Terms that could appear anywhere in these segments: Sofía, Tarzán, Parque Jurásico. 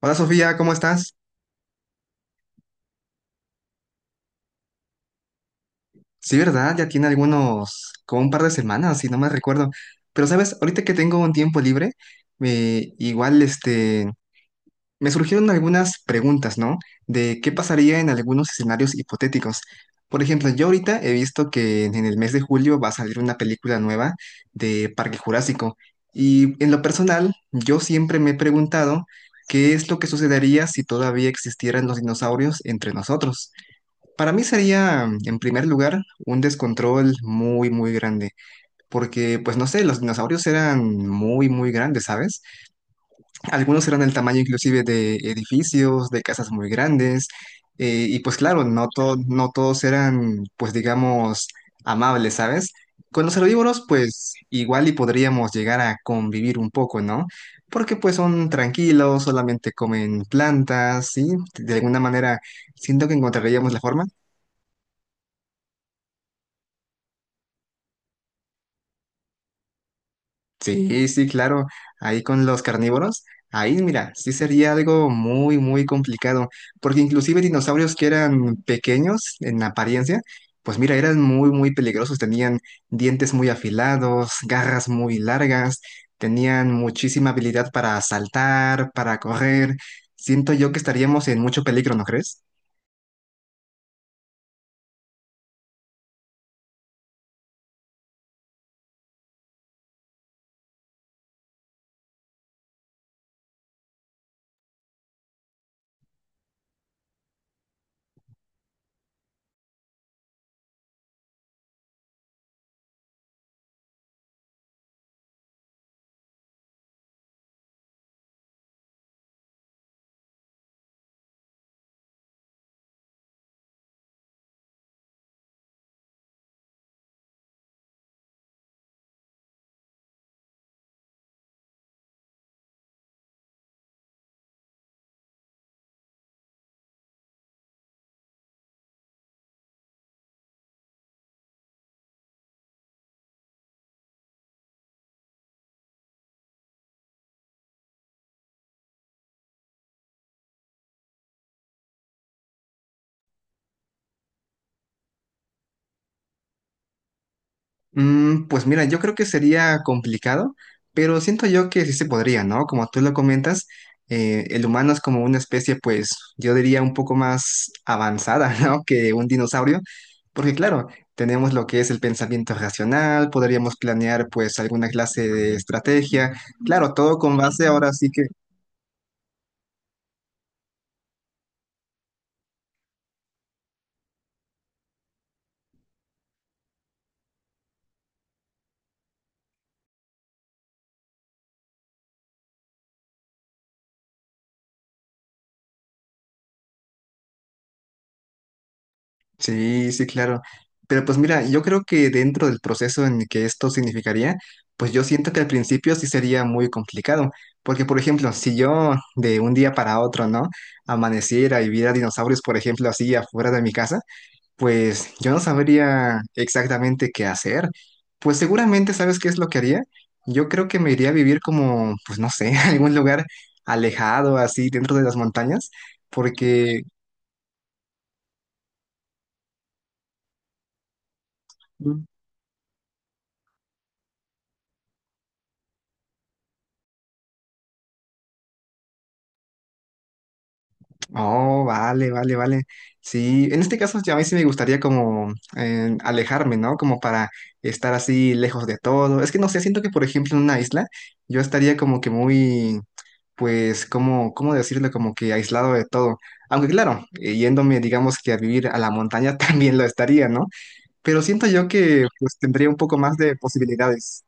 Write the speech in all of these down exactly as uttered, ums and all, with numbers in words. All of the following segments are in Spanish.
Hola Sofía, ¿cómo estás? Sí, ¿verdad? Ya tiene algunos, como un par de semanas, si no me recuerdo. Pero sabes, ahorita que tengo un tiempo libre, me- igual este, me surgieron algunas preguntas, ¿no? De qué pasaría en algunos escenarios hipotéticos. Por ejemplo, yo ahorita he visto que en el mes de julio va a salir una película nueva de Parque Jurásico. Y en lo personal, yo siempre me he preguntado qué es lo que sucedería si todavía existieran los dinosaurios entre nosotros. Para mí sería, en primer lugar, un descontrol muy, muy grande, porque, pues no sé, los dinosaurios eran muy, muy grandes, ¿sabes? Algunos eran del tamaño inclusive de edificios, de casas muy grandes, eh, y pues claro, no, to- no todos eran, pues digamos, amables, ¿sabes? Con los herbívoros, pues igual y podríamos llegar a convivir un poco, ¿no? Porque pues son tranquilos, solamente comen plantas, ¿sí? De alguna manera, siento que encontraríamos la forma. Sí, sí, claro. Ahí con los carnívoros, ahí mira, sí sería algo muy, muy complicado, porque inclusive dinosaurios que eran pequeños en apariencia, pues mira, eran muy, muy peligrosos. Tenían dientes muy afilados, garras muy largas, tenían muchísima habilidad para saltar, para correr. Siento yo que estaríamos en mucho peligro, ¿no crees? Mm, pues mira, yo creo que sería complicado, pero siento yo que sí se podría, ¿no? Como tú lo comentas, eh, el humano es como una especie, pues yo diría un poco más avanzada, ¿no? Que un dinosaurio, porque claro, tenemos lo que es el pensamiento racional, podríamos planear pues alguna clase de estrategia, claro, todo con base ahora sí. Sí, sí, claro. Pero pues mira, yo creo que dentro del proceso en el que esto significaría, pues yo siento que al principio sí sería muy complicado, porque por ejemplo, si yo de un día para otro, ¿no? Amaneciera y viera dinosaurios, por ejemplo, así afuera de mi casa, pues yo no sabría exactamente qué hacer. Pues seguramente, ¿sabes qué es lo que haría? Yo creo que me iría a vivir como, pues no sé, algún lugar alejado, así dentro de las montañas, porque... Oh, vale, vale, vale. Sí, en este caso ya a mí sí me gustaría como eh, alejarme, ¿no? Como para estar así lejos de todo. Es que no sé, siento que por ejemplo en una isla yo estaría como que muy, pues, como, ¿cómo decirlo? Como que aislado de todo. Aunque claro, eh, yéndome, digamos que a vivir a la montaña también lo estaría, ¿no? Pero siento yo que pues tendría un poco más de posibilidades.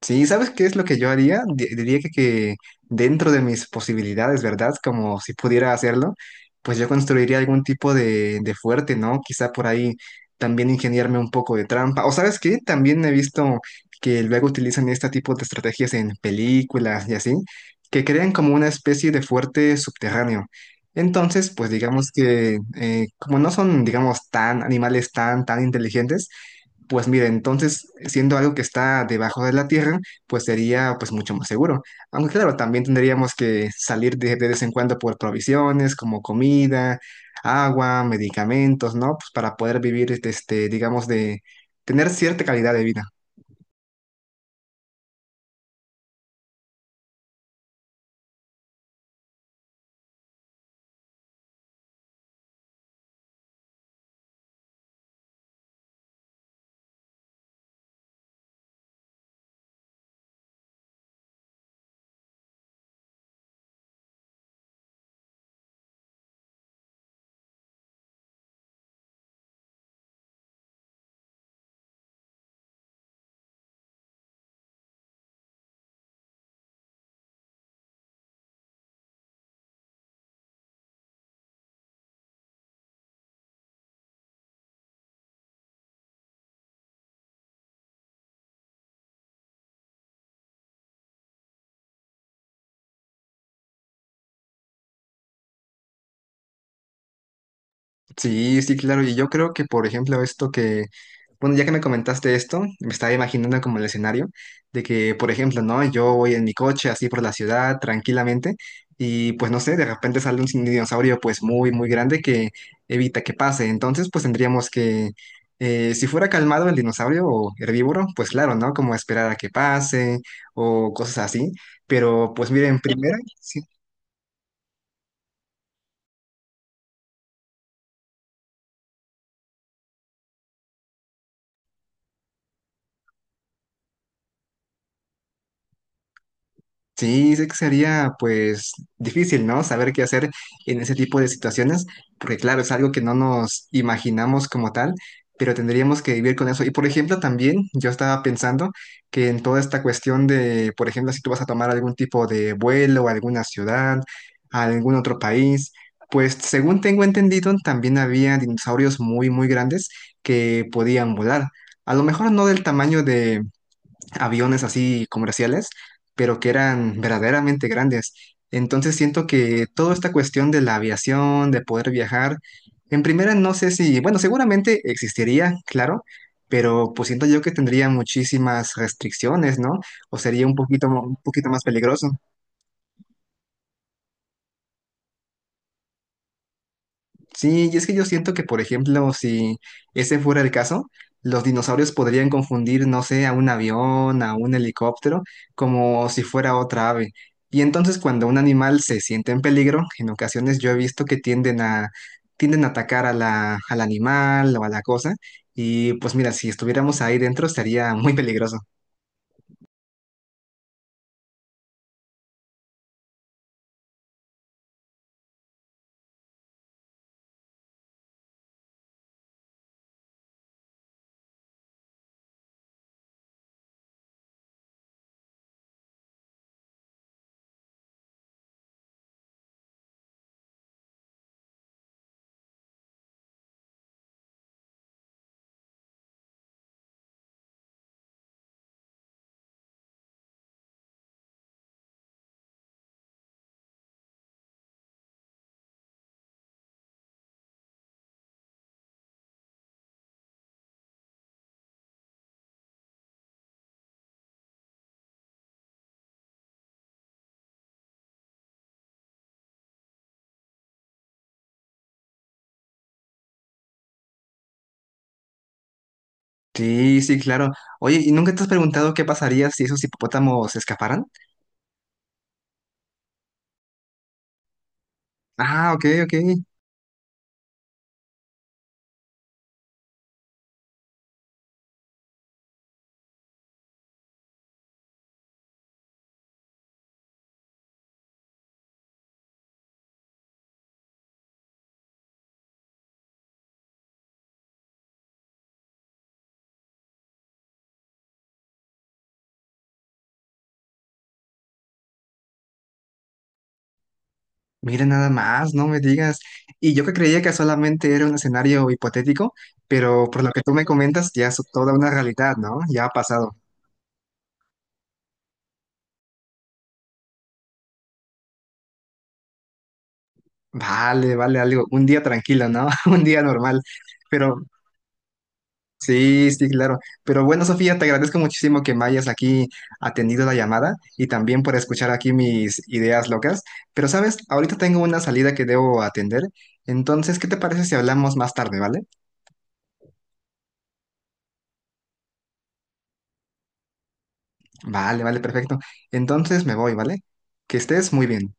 Sí, ¿sabes qué es lo que yo haría? Di- Diría que, que dentro de mis posibilidades, ¿verdad? Como si pudiera hacerlo, pues yo construiría algún tipo de, de fuerte, ¿no? Quizá por ahí también ingeniarme un poco de trampa. O ¿sabes qué? También he visto que luego utilizan este tipo de estrategias en películas y así, que crean como una especie de fuerte subterráneo. Entonces, pues digamos que eh, como no son, digamos, tan animales tan, tan inteligentes, pues mira, entonces, siendo algo que está debajo de la tierra, pues sería pues mucho más seguro. Aunque claro, también tendríamos que salir de, de vez en cuando por provisiones como comida, agua, medicamentos, ¿no? Pues para poder vivir, este, digamos, de tener cierta calidad de vida. Sí, sí, claro. Y yo creo que, por ejemplo, esto que, bueno, ya que me comentaste esto, me estaba imaginando como el escenario de que, por ejemplo, ¿no? Yo voy en mi coche así por la ciudad tranquilamente y pues no sé, de repente sale un dinosaurio pues muy, muy grande que evita que pase. Entonces, pues tendríamos que, eh, si fuera calmado el dinosaurio o herbívoro, pues claro, ¿no? Como esperar a que pase o cosas así. Pero pues miren, primero, sí. Sí, sé que sería pues difícil, ¿no? Saber qué hacer en ese tipo de situaciones, porque claro, es algo que no nos imaginamos como tal, pero tendríamos que vivir con eso. Y por ejemplo, también yo estaba pensando que en toda esta cuestión de, por ejemplo, si tú vas a tomar algún tipo de vuelo a alguna ciudad, a algún otro país, pues según tengo entendido, también había dinosaurios muy, muy grandes que podían volar. A lo mejor no del tamaño aviones así comerciales, pero que eran verdaderamente grandes. Entonces siento que toda esta cuestión de la aviación, de poder viajar, en primera no sé si, bueno, seguramente existiría, claro, pero pues siento yo que tendría muchísimas restricciones, ¿no? O sería un poquito, un poquito más peligroso. Sí, y es que yo siento que, por ejemplo, si ese fuera el caso, los dinosaurios podrían confundir, no sé, a un avión, a un helicóptero, como si fuera otra ave. Y entonces cuando un animal se siente en peligro, en ocasiones yo he visto que tienden a, tienden a atacar a la, al animal o a la cosa. Y pues mira, si estuviéramos ahí dentro sería muy peligroso. Sí, sí, claro. Oye, ¿y nunca te has preguntado qué pasaría si esos hipopótamos se escaparan? Ah, ok, ok. Mira nada más, no me digas. Y yo que creía que solamente era un escenario hipotético, pero por lo que tú me comentas, ya es toda una realidad, ¿no? Ya ha pasado. Vale, vale, algo. Un día tranquilo, ¿no? Un día normal. Pero sí, sí, claro. Pero bueno, Sofía, te agradezco muchísimo que me hayas aquí atendido la llamada y también por escuchar aquí mis ideas locas. Pero sabes, ahorita tengo una salida que debo atender. Entonces, ¿qué te parece si hablamos más tarde, ¿vale? Vale, vale, perfecto. Entonces me voy, ¿vale? Que estés muy bien.